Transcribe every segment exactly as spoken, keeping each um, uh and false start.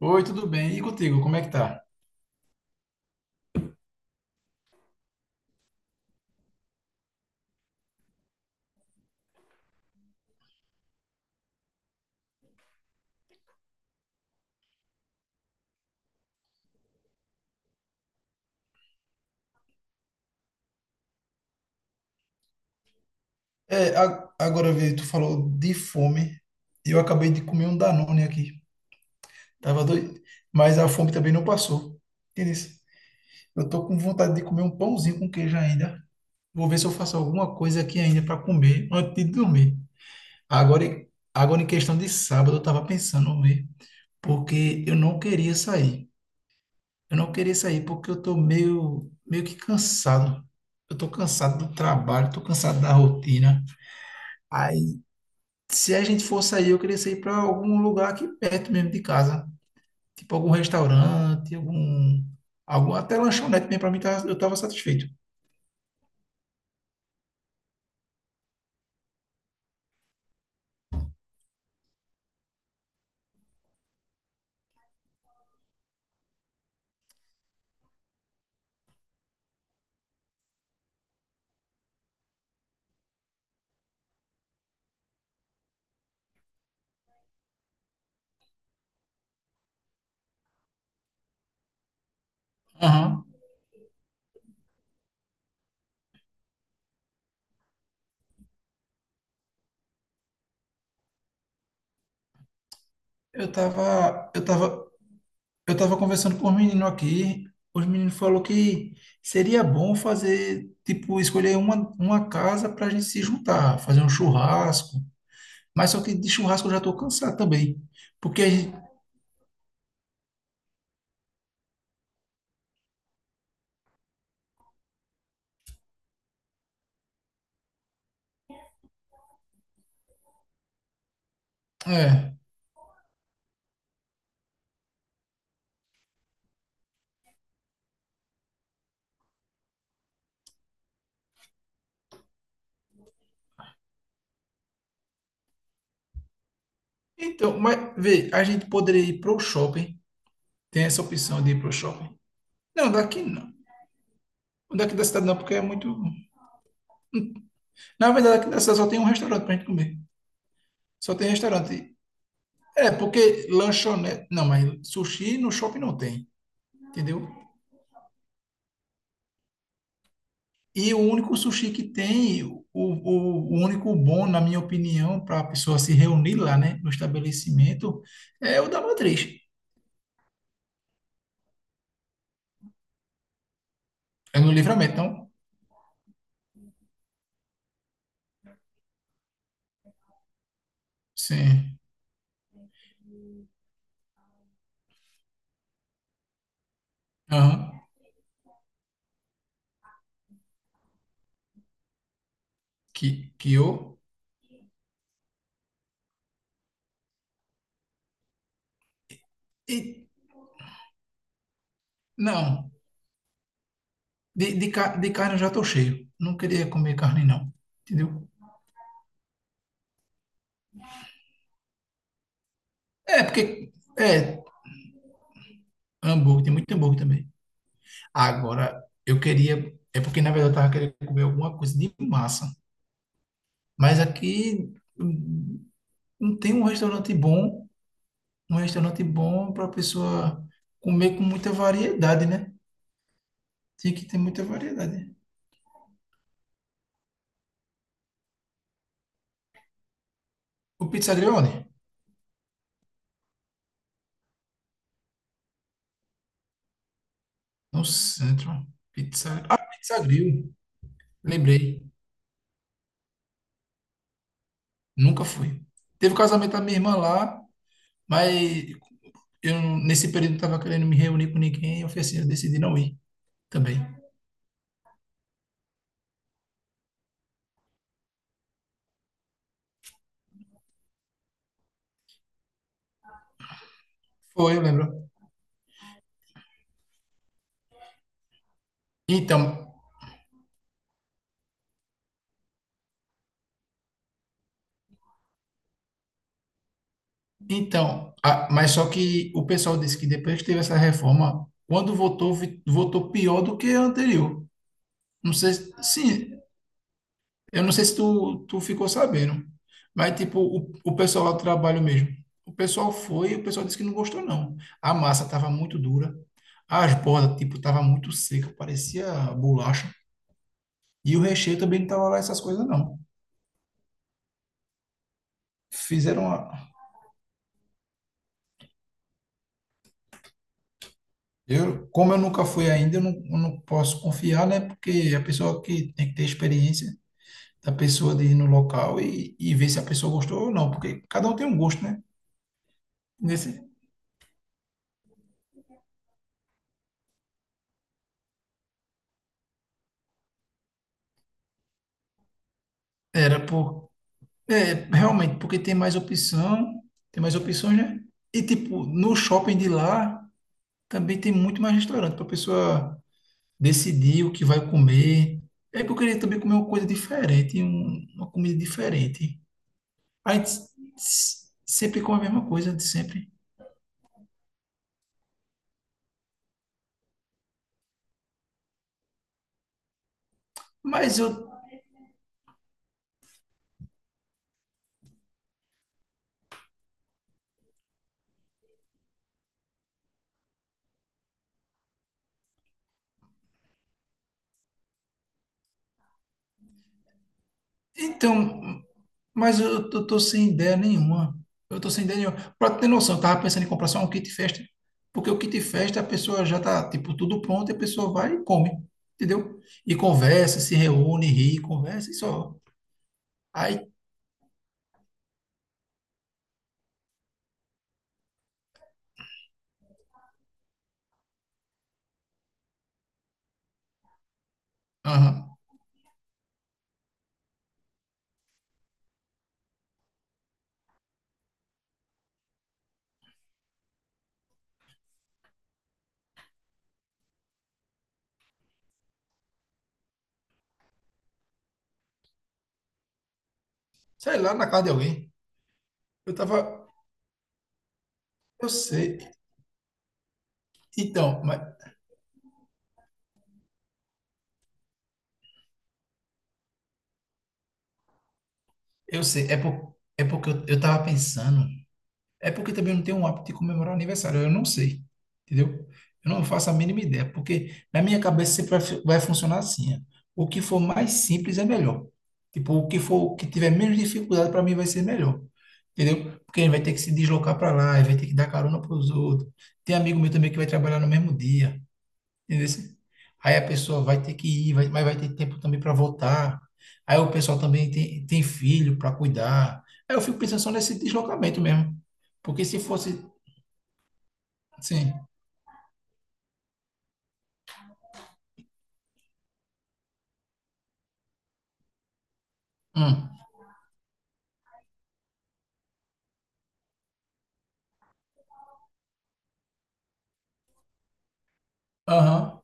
Oi, tudo bem? E contigo, como é que tá? É, a- agora, Vitor, tu falou de fome. e Eu acabei de comer um Danone aqui. Tava doido. Mas a fome também não passou. Entendeu? Eu tô com vontade de comer um pãozinho com queijo ainda. Vou ver se eu faço alguma coisa aqui ainda para comer antes de dormir. Agora, em- Agora, em questão de sábado, eu tava pensando, ver, porque eu não queria sair. Eu não queria sair porque eu tô meio, meio que cansado. Eu tô cansado do trabalho, tô cansado da rotina. Se a gente for sair, eu queria sair para algum lugar aqui perto mesmo de casa. Tipo algum restaurante, algum, algum até lanchonete mesmo para mim tá- eu tava satisfeito. Aham. Eu tava, eu tava, eu tava conversando com os meninos aqui. Os meninos falou que seria bom fazer, tipo, escolher uma, uma casa para a gente se juntar, fazer um churrasco. Mas só que de churrasco eu já tô cansado também. Porque a gente, é. Então, mas vê, a gente poderia ir pro shopping. Tem essa opção de ir pro shopping. Não, daqui não. O daqui da cidade não, porque é muito. Na verdade, aqui da cidade só tem um restaurante pra gente comer. Só tem restaurante. É, porque lanchonete. Não, mas sushi no shopping não tem, entendeu? E o único sushi que tem, o, o, o único bom, na minha opinião, para a pessoa se reunir lá, né, no estabelecimento, é o da Matriz. É no Livramento, então. Sim. Aham. Que, que eu. E, não. De, de, ca- de carne eu já tô cheio. Não queria comer carne, não. Entendeu? É, porque é hambúrguer, tem muito hambúrguer também. Agora, eu queria. É porque, na verdade, eu tava querendo comer alguma coisa de massa. Mas aqui hum, não tem um restaurante bom, um restaurante bom para pessoa comer com muita variedade, né? Tem que ter muita variedade. O Pizza Pizzagril onde? No centro. Pizza... Ah, Pizza Pizzagril. Lembrei. Nunca fui. Teve o casamento da minha irmã lá, mas eu nesse período não tava querendo me reunir com ninguém. Eu falei assim, eu decidi não ir. Também. Foi, eu lembro. Então, então, a- mas só que o pessoal disse que depois que teve essa reforma, quando votou, vi- votou pior do que a anterior. Não sei, se- sim, eu não sei se tu, tu ficou sabendo, mas tipo, o, o pessoal lá do trabalho mesmo. O pessoal foi e o pessoal disse que não gostou, não. A massa tava muito dura, as bordas, tipo, tava muito seca, parecia bolacha, e o recheio também não tava lá essas coisas, não. Fizeram eu, como eu nunca fui ainda, eu não, eu não posso confiar, né? Porque a pessoa que tem que ter experiência da pessoa de ir no local e, e ver se a pessoa gostou ou não, porque cada um tem um gosto, né? Nesse, era por, é, realmente, porque tem mais opção, tem mais opções, né? E tipo, no shopping de lá também tem muito mais restaurante para a pessoa decidir o que vai comer. É que eu queria também comer uma coisa diferente, um- uma comida diferente. Aí s- s- sempre com a mesma coisa de sempre. Mas eu, então, mas eu, eu tô sem ideia nenhuma. Eu tô sem ideia nenhuma. Pra ter noção, eu tava pensando em comprar só um kit festa, porque o kit festa a pessoa já tá, tipo, tudo pronto e a pessoa vai e come, entendeu? E conversa, se reúne, ri, conversa e só. Aí, aham, sei lá, na casa de alguém. Eu tava, eu sei. Então, mas eu sei, é, por, é porque eu, eu tava pensando. É porque também eu não tenho um hábito de comemorar aniversário, eu não sei, entendeu? Eu não faço a mínima ideia, porque na minha cabeça sempre vai, fu- vai funcionar assim, ó. O que for mais simples é melhor. Tipo, o que for, o que tiver menos dificuldade para mim vai ser melhor, entendeu? Porque ele vai ter que se deslocar para lá, ele vai ter que dar carona para os outros. Tem amigo meu também que vai trabalhar no mesmo dia. Entendesse? Aí a pessoa vai ter que ir, vai- mas vai ter tempo também para voltar. Aí o pessoal também tem, tem filho para cuidar. Aí eu fico pensando só nesse deslocamento mesmo. Porque se fosse. Sim. Hum. Aham.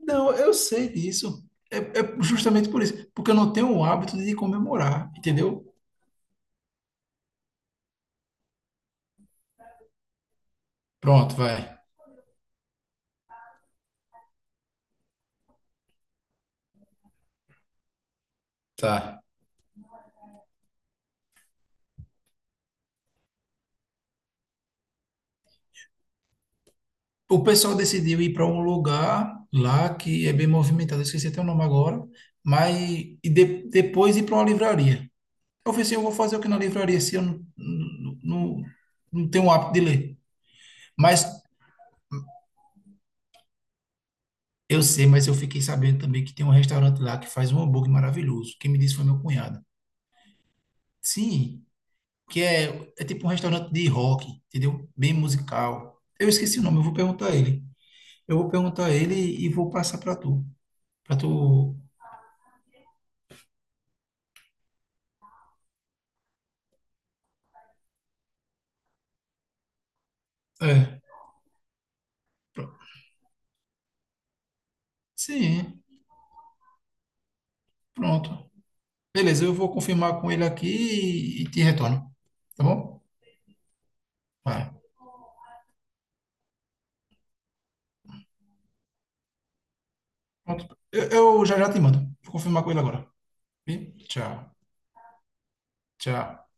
Não, eu sei disso. É, é justamente por isso. Porque eu não tenho o hábito de comemorar, entendeu? Pronto, vai. Tá. O pessoal decidiu ir para um lugar lá que é bem movimentado, eu esqueci até o nome agora, mas e de- depois ir para uma livraria. Eu falei assim, eu vou fazer o que na livraria, se eu não, não, não, não tenho o hábito de ler. Mas eu sei, mas eu fiquei sabendo também que tem um restaurante lá que faz um hambúrguer maravilhoso. Quem me disse foi meu cunhado. Sim, que é, é tipo um restaurante de rock, entendeu? Bem musical. Eu esqueci o nome, eu vou perguntar a ele. Eu vou perguntar a ele e vou passar para tu. Para tu. É. pro- Sim, pronto. Beleza, eu vou confirmar com ele aqui e, e te retorno. Tá bom? Vai. Pronto. Eu, eu já já te mando. Vou confirmar com ele agora. E tchau. Tchau.